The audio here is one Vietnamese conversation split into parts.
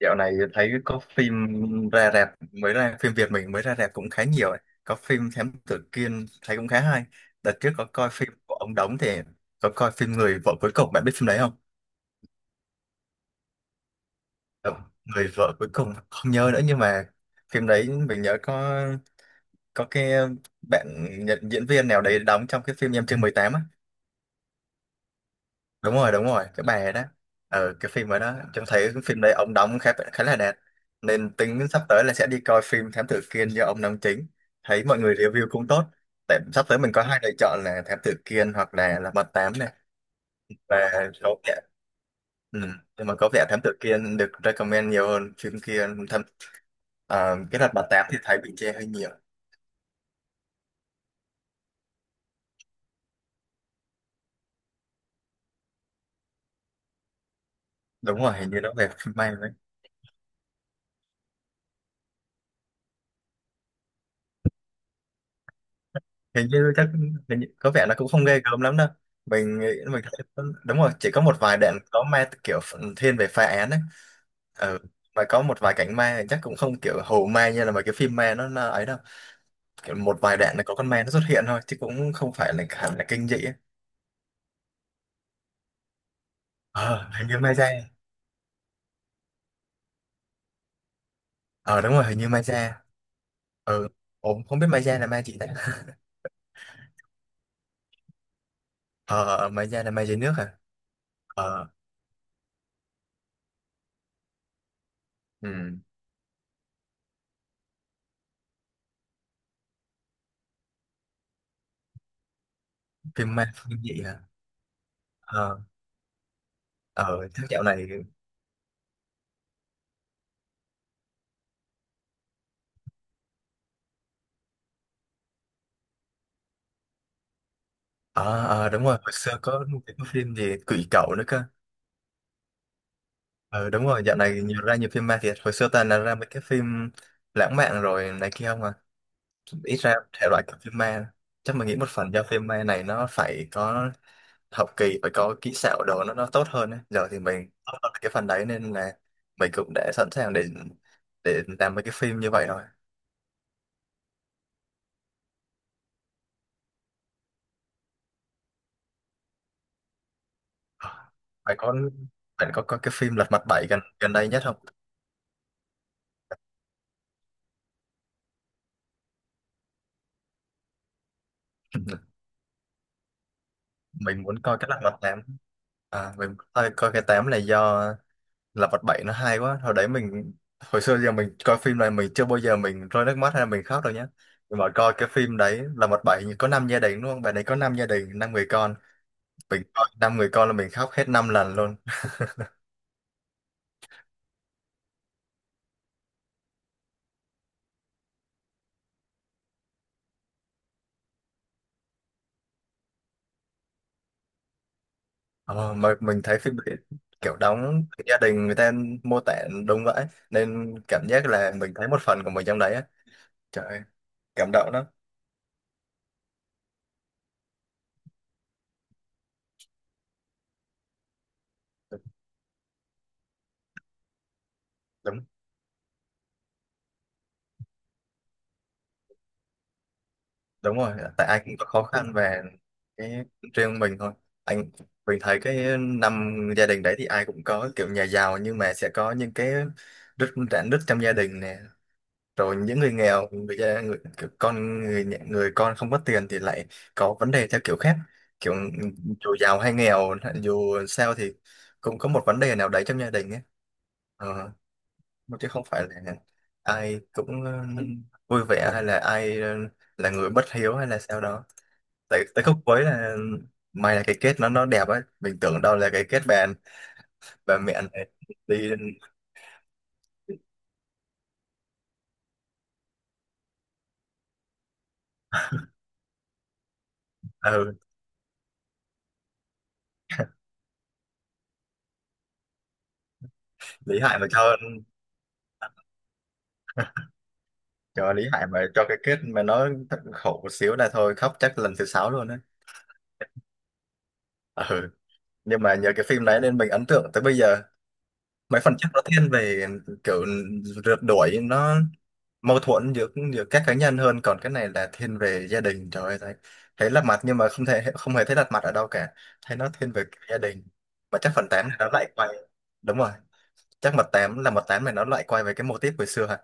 Dạo này thấy có phim ra rạp, mới ra phim Việt mình mới ra rạp cũng khá nhiều ấy. Có phim Thám Tử Kiên thấy cũng khá hay. Đợt trước có coi phim của ông Đống thì có coi phim Người vợ cuối cùng, bạn biết phim đấy không? Ờ, Người vợ cuối cùng không nhớ nữa nhưng mà phim đấy mình nhớ có có bạn nhận diễn viên nào đấy đóng trong cái phim Em chưa 18 á. Đúng rồi, đúng rồi, cái bài đó. Ờ, cái phim ở đó, trông thấy cái phim đấy ông đóng khá khá là đẹp, nên tính sắp tới là sẽ đi coi phim Thám Tử Kiên do ông đóng chính. Thấy mọi người review cũng tốt. Tại sắp tới mình có hai lựa chọn là Thám Tử Kiên hoặc là Mật 8 này. Và có vẻ, ừ, nhưng mà có vẻ Thám Tử Kiên được recommend nhiều hơn phim kia. À, cái đợt Mật Tám thì thấy bị chê hơi nhiều. Đúng rồi, hình như nó về phim may hình như chắc Hình như có vẻ là cũng không ghê gớm lắm đâu, mình nghĩ. Mình thấy, đúng rồi, chỉ có một vài đoạn có ma, kiểu thiên về phá án đấy. Ừ, mà có một vài cảnh ma thì chắc cũng không kiểu hù ma như là mấy cái phim ma nó ấy đâu. Kiểu một vài đoạn là có con ma nó xuất hiện thôi chứ cũng không phải là hẳn là kinh dị ấy. Ờ, hình như ma da. Ờ đúng rồi, hình như ma da. Ừ. Ủa, không biết ma da là ma gì đấy ờ, ma da là ma dưới nước à. Ờ. ừ. Phim ma kinh dị hả? Ờ. Ờ, chắc dạo này. À, à đúng rồi, hồi xưa có một cái phim gì Quỷ Cẩu nữa cơ. Ờ đúng rồi, dạo này nhiều, ra nhiều phim ma thiệt. Hồi xưa toàn là ra mấy cái phim lãng mạn rồi này kia không à. Ít ra thể loại của phim ma. Chắc mình nghĩ một phần do phim ma này nó phải có học kỳ, phải có kỹ xảo đồ nó tốt hơn ấy. Giờ thì mình tốt hơn cái phần đấy nên là mình cũng đã sẵn sàng để làm mấy cái phim như vậy rồi. Ờ, phải có, bạn có cái phim Lật Mặt 7 gần gần đây nhất không? Mình muốn coi cái Lật Mặt 8. À, mình thôi coi cái 8 này do là vật bảy nó hay quá hồi đấy. Mình hồi xưa giờ mình coi phim này mình chưa bao giờ mình rơi nước mắt hay là mình khóc đâu nhá, nhưng mà coi cái phim đấy là vật 7 có năm gia đình luôn, bạn ấy có năm gia đình năm người con, mình coi năm người con là mình khóc hết năm lần luôn. Ờ, mà mình thấy phim đấy kiểu đóng gia đình người ta mô tả đúng vậy, nên cảm giác là mình thấy một phần của mình trong đấy á. Trời ơi, cảm động lắm. Đúng. Đúng rồi, tại ai cũng có khó khăn và cái riêng mình thôi, anh. Mình thấy cái năm gia đình đấy thì ai cũng có kiểu nhà giàu nhưng mà sẽ có những cái rạn nứt trong gia đình nè, rồi những người nghèo, người, gia- người kiểu con người nhà- người con không có tiền thì lại có vấn đề theo kiểu khác. Kiểu dù giàu hay nghèo, dù sao thì cũng có một vấn đề nào đấy trong gia đình ấy. Ờ, chứ không phải là ai cũng, ừ, vui vẻ hay là ai, ừ, là người bất hiếu hay là sao đó. Tại tại khúc cuối là, may là cái kết nó đẹp ấy, mình tưởng đâu là cái kết bèn và mẹ này đi. Ừ, Lý Hải mà cho Lý Hải mà cho cái kết mà nó thật khổ một xíu là thôi khóc chắc lần thứ 6 luôn đấy. Ừ. Nhưng mà nhờ cái phim đấy nên mình ấn tượng tới bây giờ. Mấy phần trước nó thiên về kiểu rượt đuổi, nó mâu thuẫn giữa giữa các cá nhân hơn, còn cái này là thiên về gia đình. Trời ơi, thấy, thấy lật mặt nhưng mà không thể, không hề thấy lật mặt ở đâu cả, thấy nó thiên về gia đình. Mà chắc phần 8 nó lại quay, đúng rồi, chắc mật 8, là mật tám này nó lại quay về cái mô típ hồi xưa hả.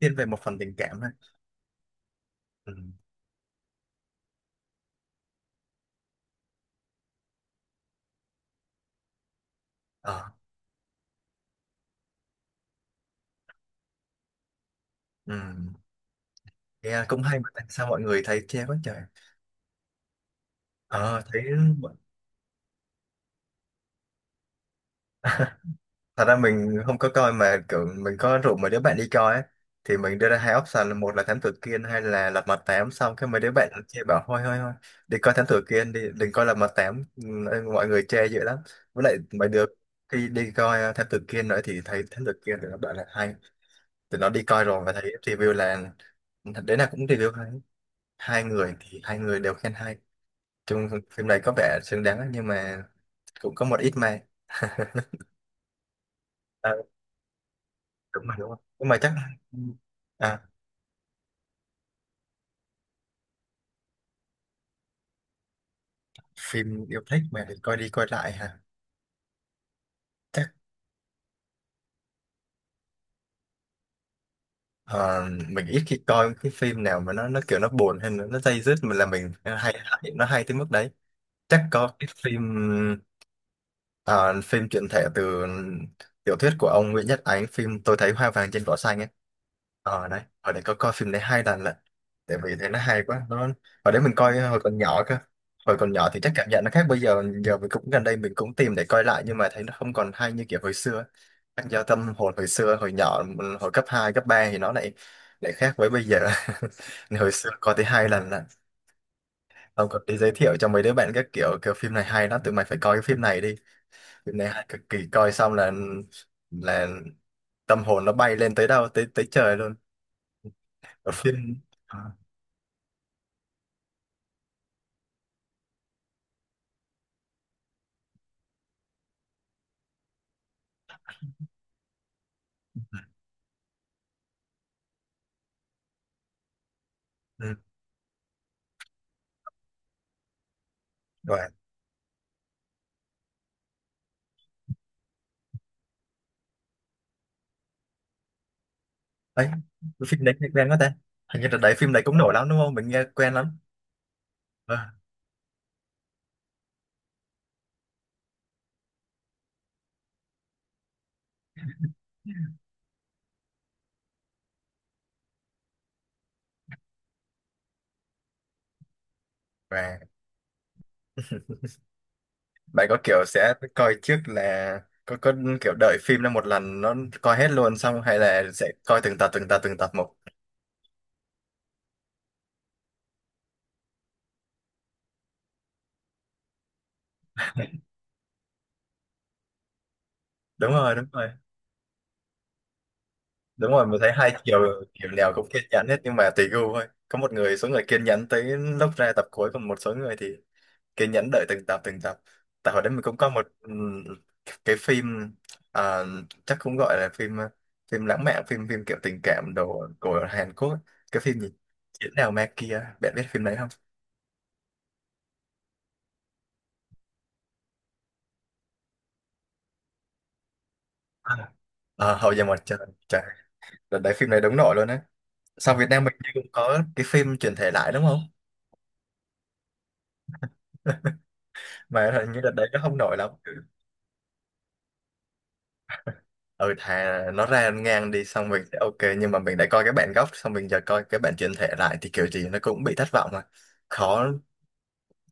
Thiên về một phần tình cảm ha. Ừ. Ờ, ừ. Nghe cũng hay mà tại sao mọi người thấy chê quá trời? Ờ thấy, thật ra mình không có coi mà kiểu mình có rủ mấy đứa bạn đi coi ấy. Thì mình đưa ra hai option là một là thám tử Kiên hay là lật mặt 8, xong cái mấy đứa bạn chê bảo thôi thôi thôi đi coi thám tử Kiên đi, đừng coi lật mặt tám. Ừ, mọi người chê dữ lắm. Với lại mấy đứa khi đi coi ờ, thám tử Kiên nữa thì thấy thám tử Kiên thì nó bảo là hay. Thì nó đi coi rồi và thấy review là thật đấy là cũng review hay, hai người thì hai người đều khen hay. Chung phim này có vẻ xứng đáng nhưng mà cũng có một ít mà. À, đúng rồi nhưng mà chắc là- ừ. À, phim yêu thích mà thì coi đi coi lại hả? Chắc, ờ, mình ít khi coi cái phim nào mà nó kiểu nó buồn hay là nó day dứt mình là mình hay, hay nó hay tới mức đấy. Chắc có cái phim, ờ, phim truyện thể từ tiểu thuyết của ông Nguyễn Nhất Ánh, phim Tôi thấy hoa vàng trên cỏ xanh ấy. Ờ đấy, ở đấy có coi phim đấy hai lần lận, tại vì thấy nó hay quá. Ở đấy mình coi hồi còn nhỏ cơ. Hồi còn nhỏ thì chắc cảm nhận nó khác bây giờ. Giờ mình cũng gần đây mình cũng tìm để coi lại nhưng mà thấy nó không còn hay như kiểu hồi xưa ấy. Các Giao tâm hồi hồi xưa, hồi nhỏ, hồi cấp 2 cấp 3 thì nó lại lại khác với bây giờ hồi xưa coi tới hai lần là ông còn đi giới thiệu cho mấy đứa bạn các kiểu, kiểu phim này hay lắm tụi mày phải coi cái phim này đi, phim này hay cực kỳ, coi xong là là tâm hồn nó bay lên tới đâu, tới tới trời luôn. Ở phim, à, ừ, rồi ấy, cái phim đấy nghe quen quá ta. Hình như là đấy, phim đấy cũng nổi lắm đúng không, mình nghe quen lắm. Ờ, rồi. Bạn có kiểu sẽ coi trước là có kiểu đợi phim ra một lần nó coi hết luôn xong, hay là sẽ coi từng tập một. Đúng rồi, đúng rồi. Đúng rồi, mình thấy hai chiều kiểu nào cũng kiên nhẫn hết nhưng mà tùy gu thôi. Có một người, số người kiên nhẫn tới lúc ra tập cuối, còn một số người thì kiên nhẫn đợi từng tập. Tại hồi đấy mình cũng có một, cái phim, à, chắc cũng gọi là phim, ờ, phim lãng mạn, phim phim kiểu tình cảm đồ của Hàn Quốc. Cái phim gì? Chiến nào ma kia, bạn biết phim đấy không? À, Hậu Duệ Mặt Trời, trời, đợt đấy phim này đúng nổi luôn á. Sau Việt Nam mình như cũng có cái phim chuyển thể lại đúng không. Mà hình như đợt đấy nó không nổi lắm. Ừ. Ừ, thà nó ra ngang đi xong mình sẽ ok, nhưng mà mình đã coi cái bản gốc xong mình giờ coi cái bản chuyển thể lại thì kiểu gì nó cũng bị thất vọng mà. Khó,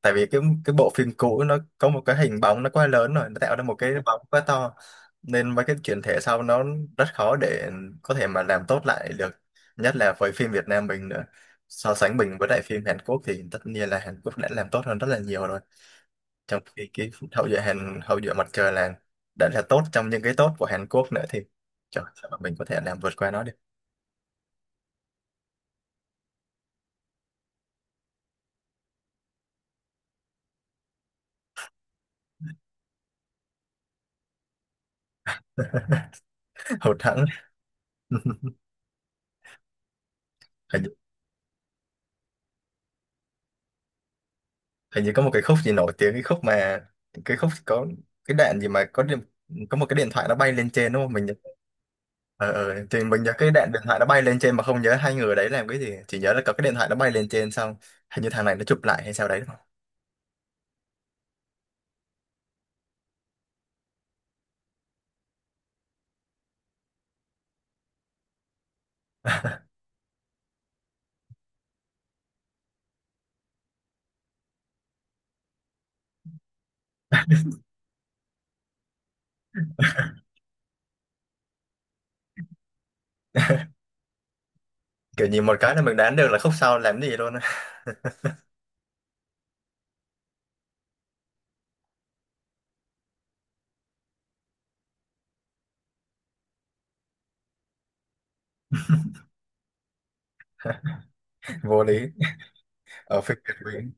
tại vì cái bộ phim cũ nó có một cái hình bóng nó quá lớn rồi, nó tạo ra một cái bóng quá to nên mấy cái chuyển thể sau nó rất khó để có thể mà làm tốt lại được, nhất là với phim Việt Nam mình nữa. So sánh mình với lại phim Hàn Quốc thì tất nhiên là Hàn Quốc đã làm tốt hơn rất là nhiều rồi, trong khi cái hậu duệ Hàn, hậu duệ mặt trời là đã là tốt trong những cái tốt của Hàn Quốc nữa, thì trời, sao mà mình có thể làm vượt qua nó được. Hụt hẫng. Hình, hình như có một cái khúc gì nổi tiếng, cái khúc mà, cái khúc có cái đạn gì mà có điện, có một cái điện thoại nó bay lên trên đúng không, mình nhớ- ờ ờ thì mình nhớ cái đạn điện thoại nó bay lên trên mà không nhớ hai người đấy làm cái gì, chỉ nhớ là có cái điện thoại nó bay lên trên xong hình như thằng này nó chụp lại hay sao đấy đúng không? Kiểu nhìn một cái là mình đoán được là khúc sau làm gì luôn á. Vô lý. Ở phim Việt mình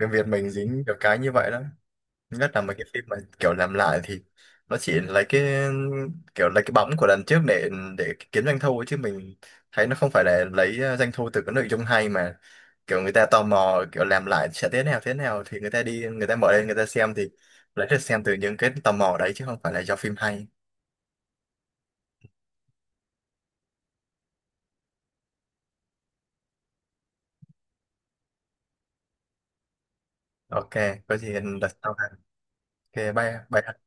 Phim Việt mình dính được cái như vậy đó. Nhất là mấy cái phim mà kiểu làm lại thì nó chỉ lấy cái, kiểu lấy cái bóng của lần trước để kiếm doanh thu ấy, chứ mình thấy nó không phải là lấy doanh thu từ cái nội dung hay mà kiểu người ta tò mò kiểu làm lại sẽ thế nào thì người ta đi, người ta mở lên, người ta xem, thì lấy được xem từ những cái tò mò đấy chứ không phải là do phim hay. Ok, có gì đặt sau ha. Ok, bye bye.